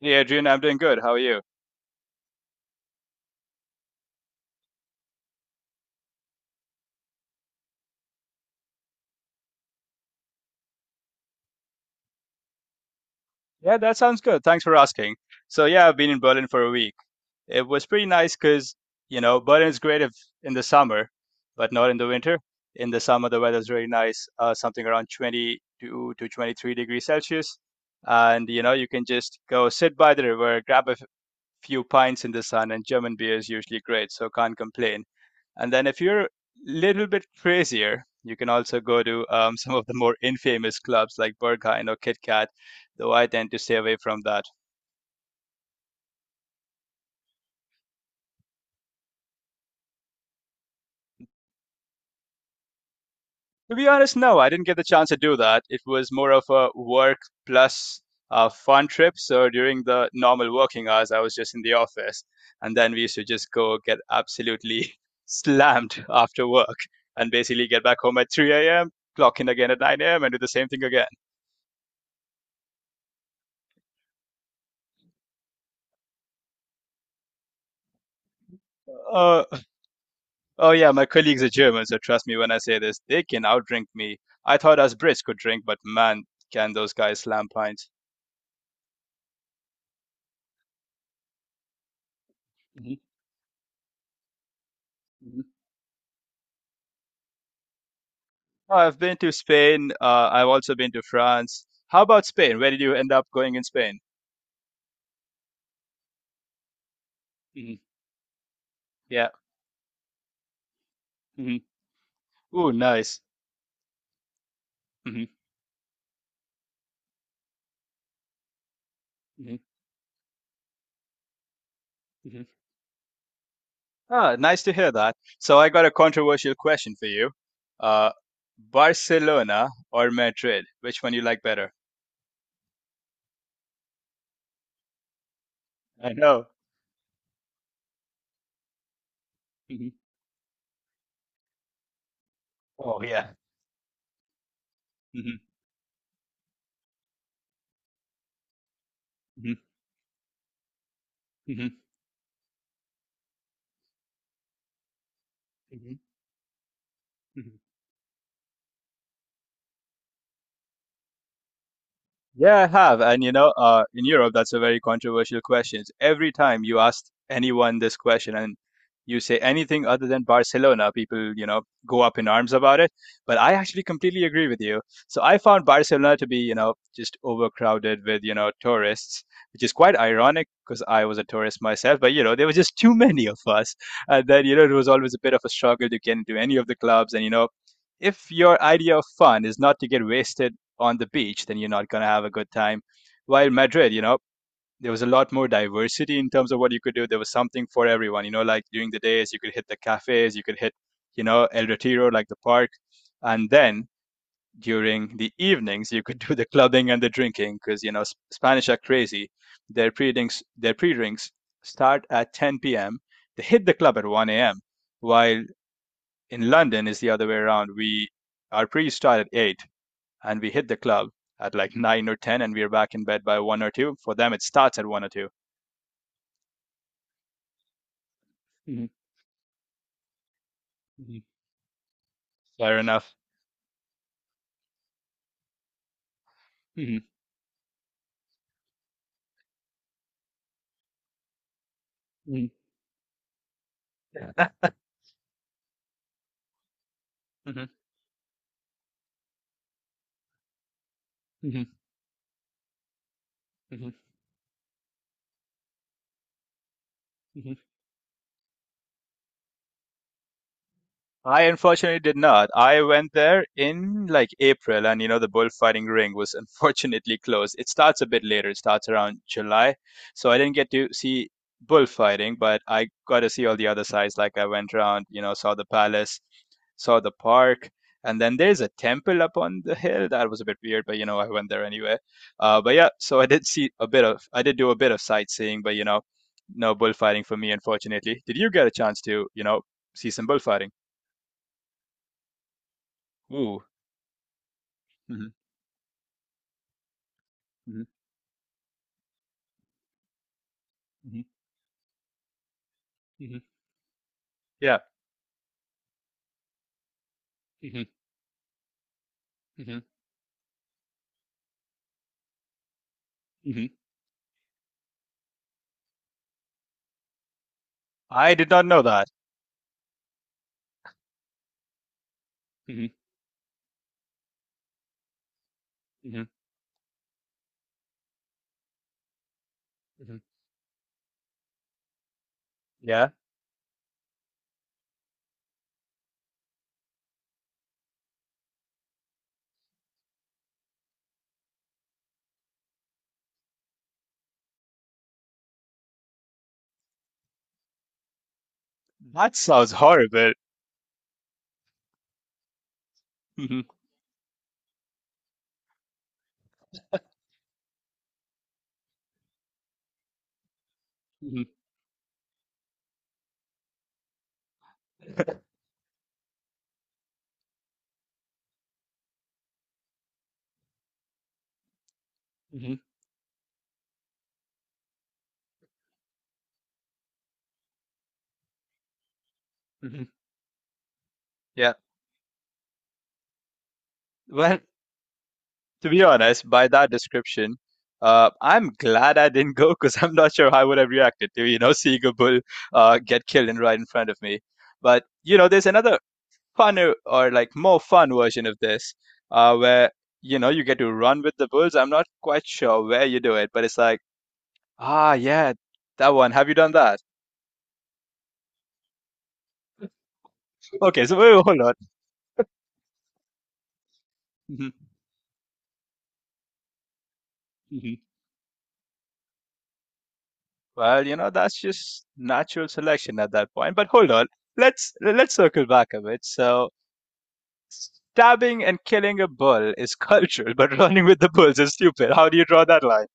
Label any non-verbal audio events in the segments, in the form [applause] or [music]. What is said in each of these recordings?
Hey, Adrian, I'm doing good. How are you? Yeah, that sounds good. Thanks for asking. So, yeah, I've been in Berlin for a week. It was pretty nice because, you know, Berlin is great if, in the summer, but not in the winter. In the summer, the weather's really nice, something around 22 to 23 degrees Celsius. And, you know, you can just go sit by the river, grab a few pints in the sun, and German beer is usually great, so can't complain. And then if you're a little bit crazier, you can also go to [laughs] some of the more infamous clubs like Berghain or Kit Kat, though I tend to stay away from that. To be honest, no, I didn't get the chance to do that. It was more of a work plus fun trip. So during the normal working hours, I was just in the office, and then we used to just go get absolutely [laughs] slammed after work, and basically get back home at 3 a.m., clock in again at 9 a.m., and do the same thing again. Uh, oh yeah, my colleagues are German, so trust me when I say this, they can outdrink me. I thought us Brits could drink, but man, can those guys slam pints. Oh, I've been to Spain. I've also been to France. How about Spain? Where did you end up going in Spain? Hmm. Yeah. Hmm. Ooh, nice. Hmm. Hmm. Hmm. Ah, nice to hear that. So I got a controversial question for you. Uh, Barcelona or Madrid? Which one you like better? I know. Hmm. Oh yeah. Mm-hmm. Hmm. Hmm. Hmm. Yeah, I have. And you know, in Europe, that's a very controversial question. Every time you ask anyone this question and you say anything other than Barcelona, people, you know, go up in arms about it. But I actually completely agree with you. So I found Barcelona to be, you know, just overcrowded with, you know, tourists, which is quite ironic because I was a tourist myself. But, you know, there were just too many of us. And then, you know, it was always a bit of a struggle to get into any of the clubs. And, you know, if your idea of fun is not to get wasted on the beach, then you're not going to have a good time. While Madrid, you know, there was a lot more diversity in terms of what you could do. There was something for everyone, you know, like during the days, you could hit the cafes, you could hit, you know, El Retiro, like the park. And then during the evenings, you could [laughs] do the clubbing and the drinking because, you know, Spanish are crazy. Their pre-drinks start at 10 p.m. They hit the club at 1 a.m. While in London is the other way around. Our pre start at 8, and we hit the club at like 9 or 10, and we are back in bed by 1 or 2. For them, it starts at 1 or 2. Mhm. Fair enough. Mhm. Yeah. Mhm. Mhm. Mhm. Mhm. I unfortunately did not. I went there in like April, and you know, the bullfighting ring was [laughs] unfortunately closed. It starts a bit later, it starts around July. So I didn't get to see bullfighting, but I got to see all the other sides. Like I went around, you know, saw the palace, saw the park, and then there's a temple up on the hill. That was a bit weird, but you know, I went there anyway. But yeah, so I did do a bit of sightseeing, but you know, no bullfighting for me, unfortunately. Did you get a chance to, you know, see some bullfighting? Ooh. Hmm. Hmm. Hmm. Hmm. Yeah. Hmm. Hmm. Hmm. I did not know that. Hmm. Hmm. Hmm. Yeah. That sounds horrible. Hmm. Hmm. Hmm. Hmm. Yeah. Well, [laughs] to be honest, by that description, I'm glad I didn't [laughs] go because I'm not sure how I would have reacted to, you know, seeing a bull get killed and right in front of me. But, you know, there's another funner or like more fun version of this, where you know you get to run with the bulls. I'm not quite sure where you do it, but it's like, ah, yeah, that one. Have you done that? Okay, so wait, hold on. Mhm, mhm. Well, you know that's just natural selection at that point. But hold on, let's circle back a bit. So stabbing and killing a bull is [laughs] cultural, but running with the bulls is stupid. How do you draw that line?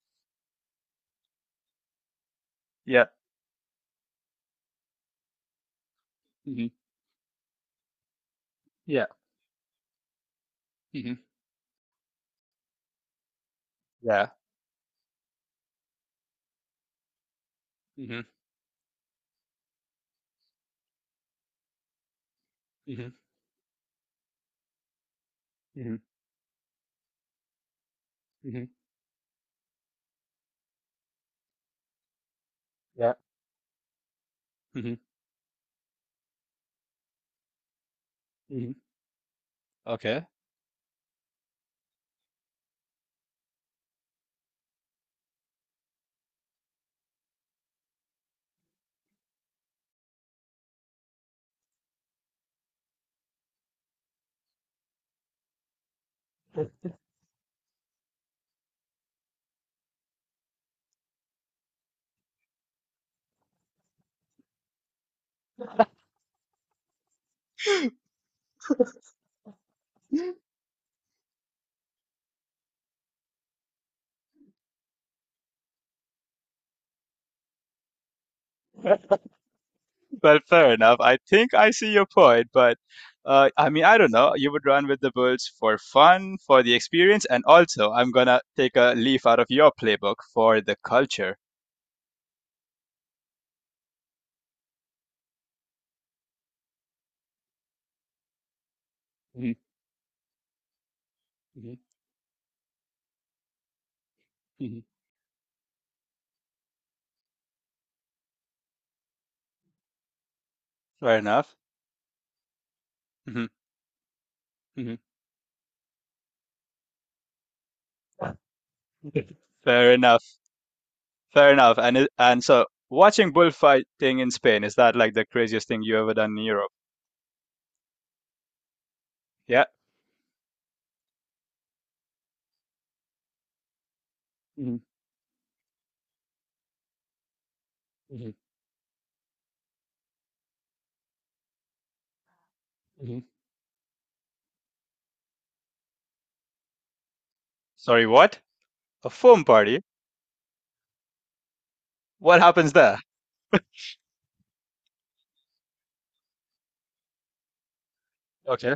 Yeah. Hmm. Yeah. Hmm. Yeah. Hmm. Hmm. Hmm. Hmm. Yeah. Hmm. Okay. [laughs] Well, fair enough. I think I see your point, but I mean, I don't know. You would run with the Bulls for fun, for the experience, and also I'm gonna take a leaf out of your playbook for the culture. Hmm. Hmm. Hmm. Fair enough. Hmm. Hmm. [laughs] Fair enough. Fair enough. And so watching bullfighting in Spain, is that like the craziest thing you ever done in Europe? Yeah. Hmm. Hmm. Hmm. Sorry, what? A foam party? What happens there? Okay.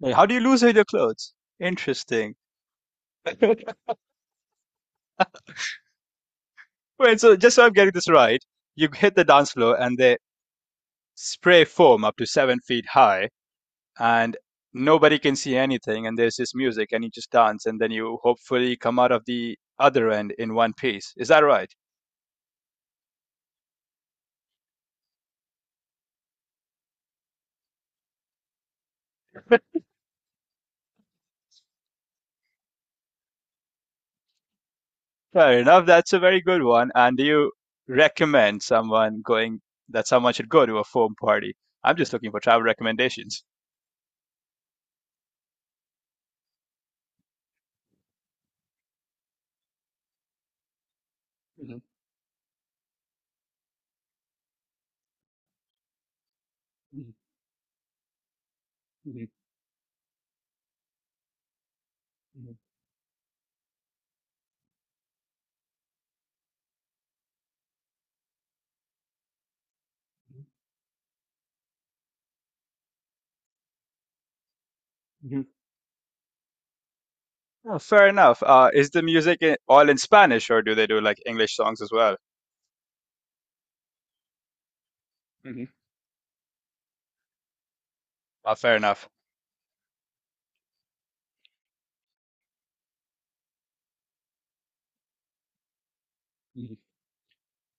Like, how do you lose all your clothes? Interesting. Wait, so just so I'm getting this right, you hit the dance floor and they spray foam up to 7 feet high, and nobody can see anything, and there's this music, and you just dance, and then you hopefully come out of the other end in one piece. Is that right? Fair enough. That's a very good one. And do you recommend someone going, that someone should go to a foam party? I'm just looking for travel recommendations. [laughs] Oh, fair enough. Is the music all in Spanish, or do they do like English songs as well? Hmm. Fair enough. Hmm.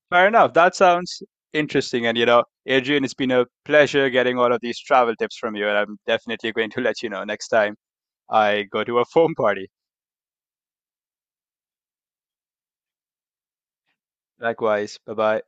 Fair enough. That sounds interesting. And you know, Adrian, it's been a pleasure getting all of these travel tips from you, and I'm definitely going to let you know next time I go to a foam party. Likewise. Bye bye.